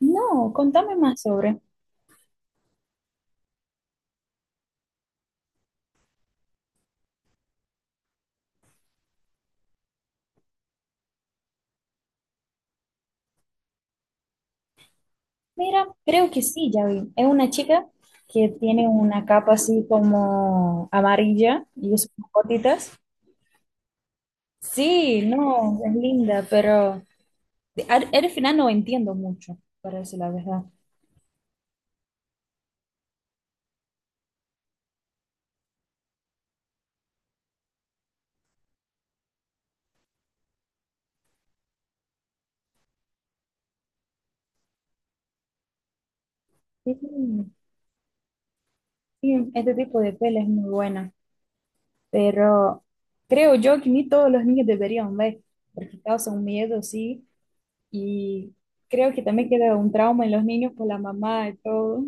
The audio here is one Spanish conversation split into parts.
No, contame más sobre. Mira, creo que sí, ya vi. Es una chica que tiene una capa así como amarilla y es como gotitas. Sí, no, es linda, pero al final no entiendo mucho, para decir la verdad. Sí, sí, este tipo de tela es muy buena, pero creo yo que ni todos los niños deberían ver, porque causa un miedo, sí, y creo que también queda un trauma en los niños por la mamá y todo.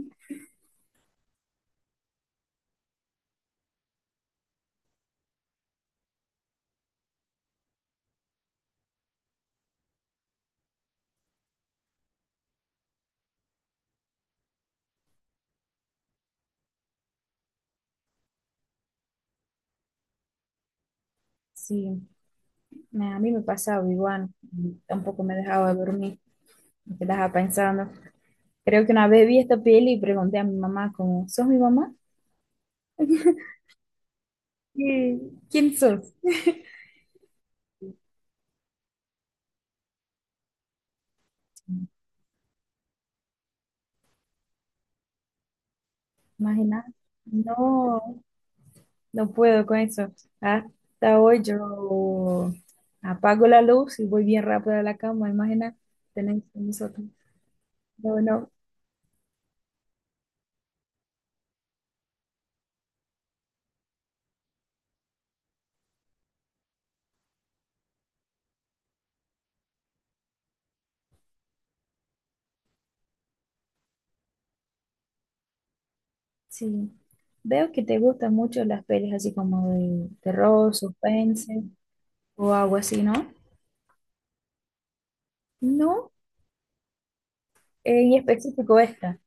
Sí. A mí me pasaba igual, tampoco me dejaba dormir, me quedaba pensando. Creo que una vez vi esta peli y pregunté a mi mamá como, ¿sos mi mamá? ¿Qué- ¿Quién sos? Imagina, no, no puedo con eso. Hasta hoy yo apago la luz y voy bien rápido a la cama, imagina, tenéis nosotros. No, no, sí. Veo que te gustan mucho las pelis así como de terror, suspense o algo así, ¿no? No, en específico esta.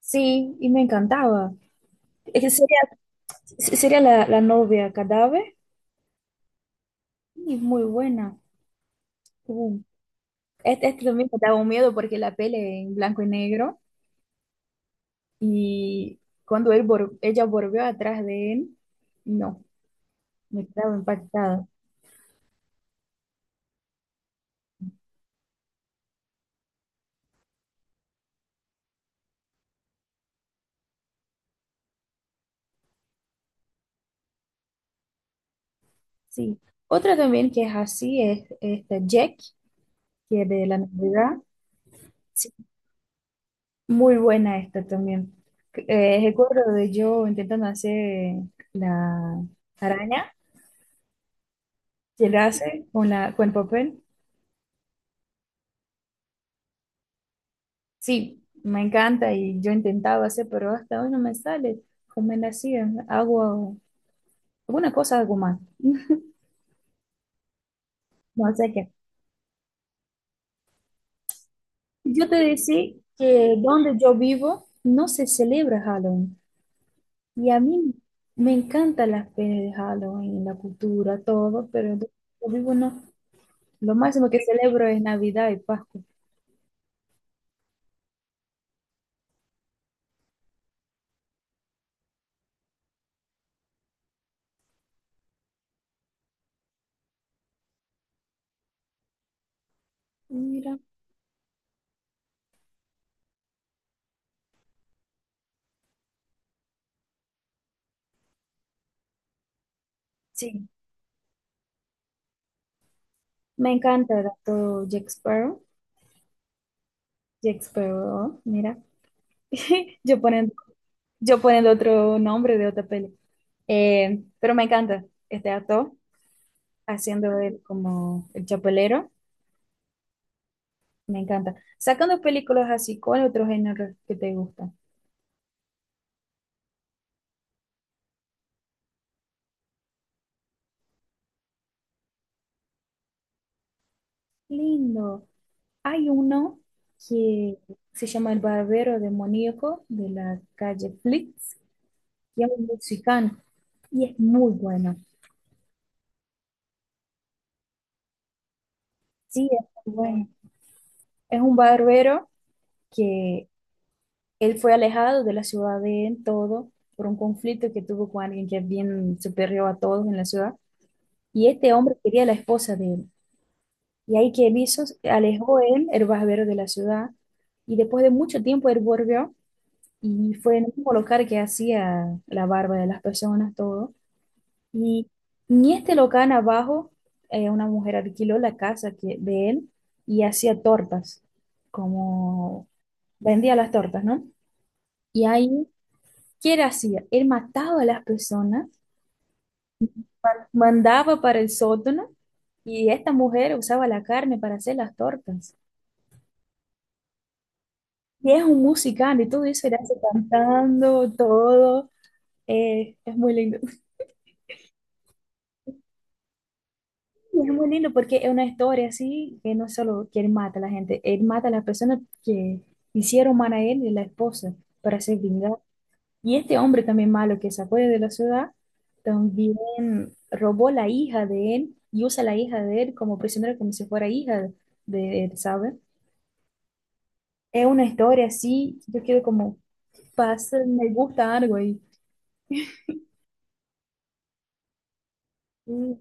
Sí, y me encantaba. Es que sería, sería la novia cadáver y es muy buena. Uh, este también me daba un miedo porque la pele en blanco y negro y cuando ella volvió atrás de él, no, me quedaba impactada. Sí. Otra también que es así es esta Jack, que es de la Navidad. Sí, muy buena esta también. Recuerdo de yo intentando hacer la araña que él hace con la, con el papel. Sí, me encanta y yo intentaba hacer, pero hasta hoy no me sale como él hacía. Hago alguna cosa, algo más. No sé qué. Yo te decía que donde yo vivo no se celebra Halloween. Y a mí me encantan las ferias de Halloween, la cultura, todo, pero donde yo vivo no. Lo máximo que celebro es Navidad y Pascua. Mira, sí, me encanta todo Jack Sparrow. Jack Sparrow, mira. Yo poniendo yo poniendo otro nombre de otra peli. Pero me encanta este actor haciendo él como el chapelero. Me encanta. Sacando películas así, ¿cuál otro género que te gusta? Lindo. Hay uno que se llama El Barbero Demoníaco de la calle Flix, y es un mexicano y es muy bueno. Sí, es muy bueno. Es un barbero que él fue alejado de la ciudad de en todo por un conflicto que tuvo con alguien que es bien superior a todos en la ciudad. Y este hombre quería la esposa de él. Y ahí que él hizo, alejó él, el barbero de la ciudad. Y después de mucho tiempo él volvió y fue en un mismo local que hacía la barba de las personas, todo. Y en este local abajo, una mujer alquiló la casa que, de él y hacía tortas, como vendía las tortas, ¿no? Y ahí ¿que él hacía? Él mataba a las personas, mandaba para el sótano y esta mujer usaba la carne para hacer las tortas. Y es un musical y todo eso, él hace cantando, todo. Es muy lindo. Es muy lindo porque es una historia así, que no es solo que él mata a la gente, él mata a las personas que hicieron mal a él y a la esposa para ser vengado. Y este hombre también malo que se acuerda de la ciudad, también robó la hija de él y usa la hija de él como prisionera, como si fuera hija de él, ¿sabes? Es una historia así, yo quedo como, pasa, me gusta algo y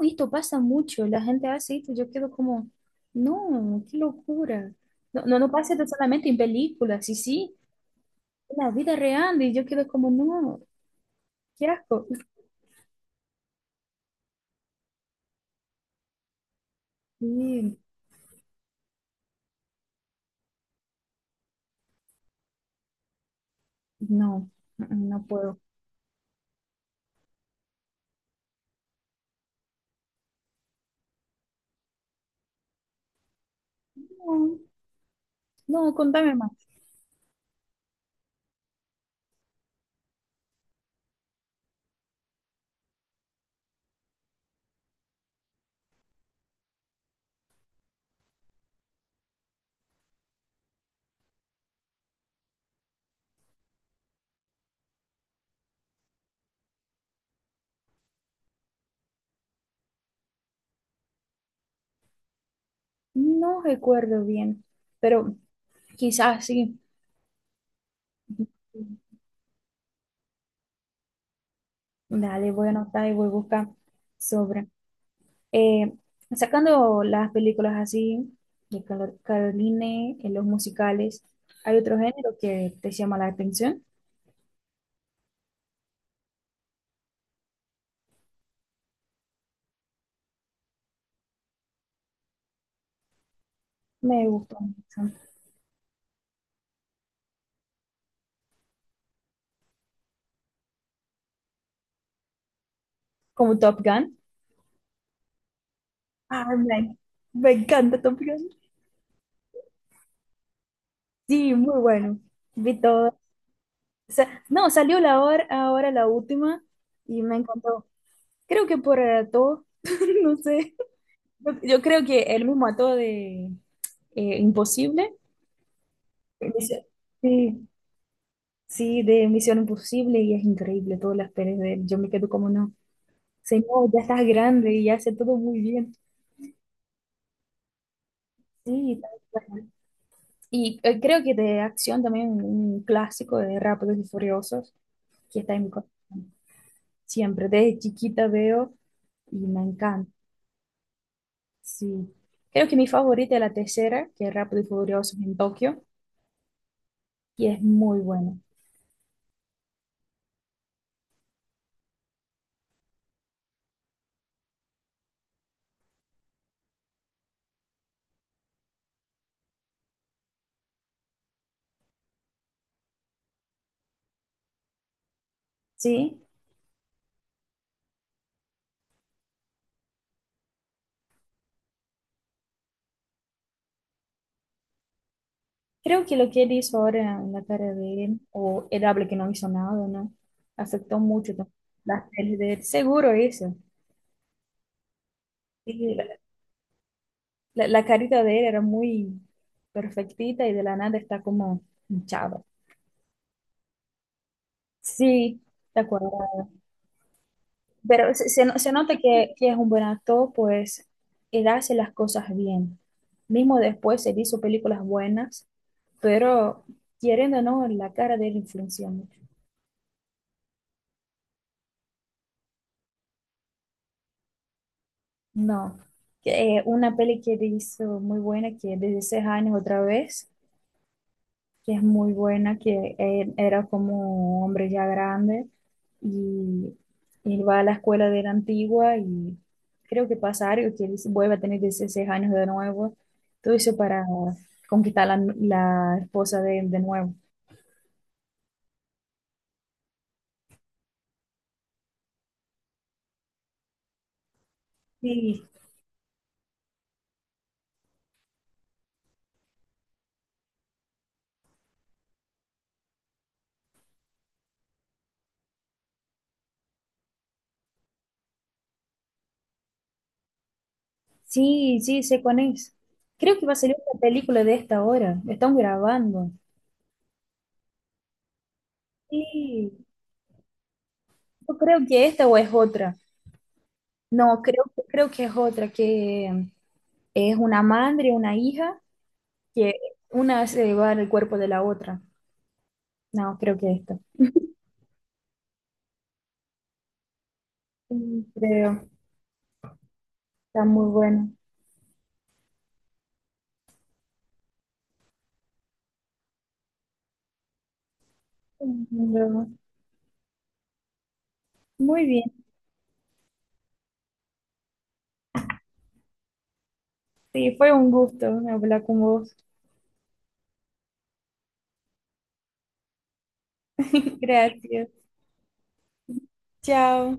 esto pasa mucho, la gente hace esto, yo quedo como, no, qué locura. No, no, no pasa esto solamente en películas, sí, sí, en la vida real y yo quedo como, no, qué asco. Y, no, no puedo. No, no, contame más. No recuerdo bien, pero quizás sí. Dale, voy a anotar y voy a buscar sobre. Eh, sacando las películas así, de Caroline, en los musicales, ¿hay otro género que te llama la atención? Me gusta mucho. Como Top Gun. Ah, me encanta Top Gun. Sí, muy bueno. Vi todo. No, salió la hora, ahora la última y me encantó. Creo que por todo, no sé. Yo creo que el mismo actor de Imposible, dice- sí, sí, de Misión Imposible, y es increíble todas las pelis de él. Yo me quedo como no. Señor, ya estás grande y hace todo muy bien. Sí, tal cual. Y creo que de acción también un clásico de Rápidos y Furiosos, que está en mi corazón. Siempre, desde chiquita veo y me encanta. Sí. Creo que mi favorita es la tercera, que es Rápido y Furiosos en Tokio, y es muy buena. Sí. Creo que lo que él hizo ahora en la cara de él, o él habla que no hizo nada, ¿no? Afectó mucho tam- las peles de él. Seguro eso. Y la carita de él era muy perfectita y de la nada está como hinchada. Sí, de acuerdo. Pero se no- se nota que es un buen actor, pues él hace las cosas bien. Mismo después él hizo películas buenas, pero queriendo o no, la cara de él influencia mucho. No. Una peli que él hizo muy buena, que es de 16 años otra vez, que es muy buena, que él era como un hombre ya grande y él va a la escuela de la antigua y creo que pasa algo, que él vuelve a tener 16 años de nuevo, todo eso para conquistar la esposa de él de nuevo. Sí, sí, sí, sé cuál es. Creo que va a salir una película de esta hora, están grabando. Sí, yo creo que esta o es otra. No, creo que es otra, que es una madre, una hija, que una se lleva el cuerpo de la otra. No, creo que esta. Mm, Creo, está muy bueno. Bueno, muy bien, sí, fue un gusto hablar con vos. Gracias. Chao.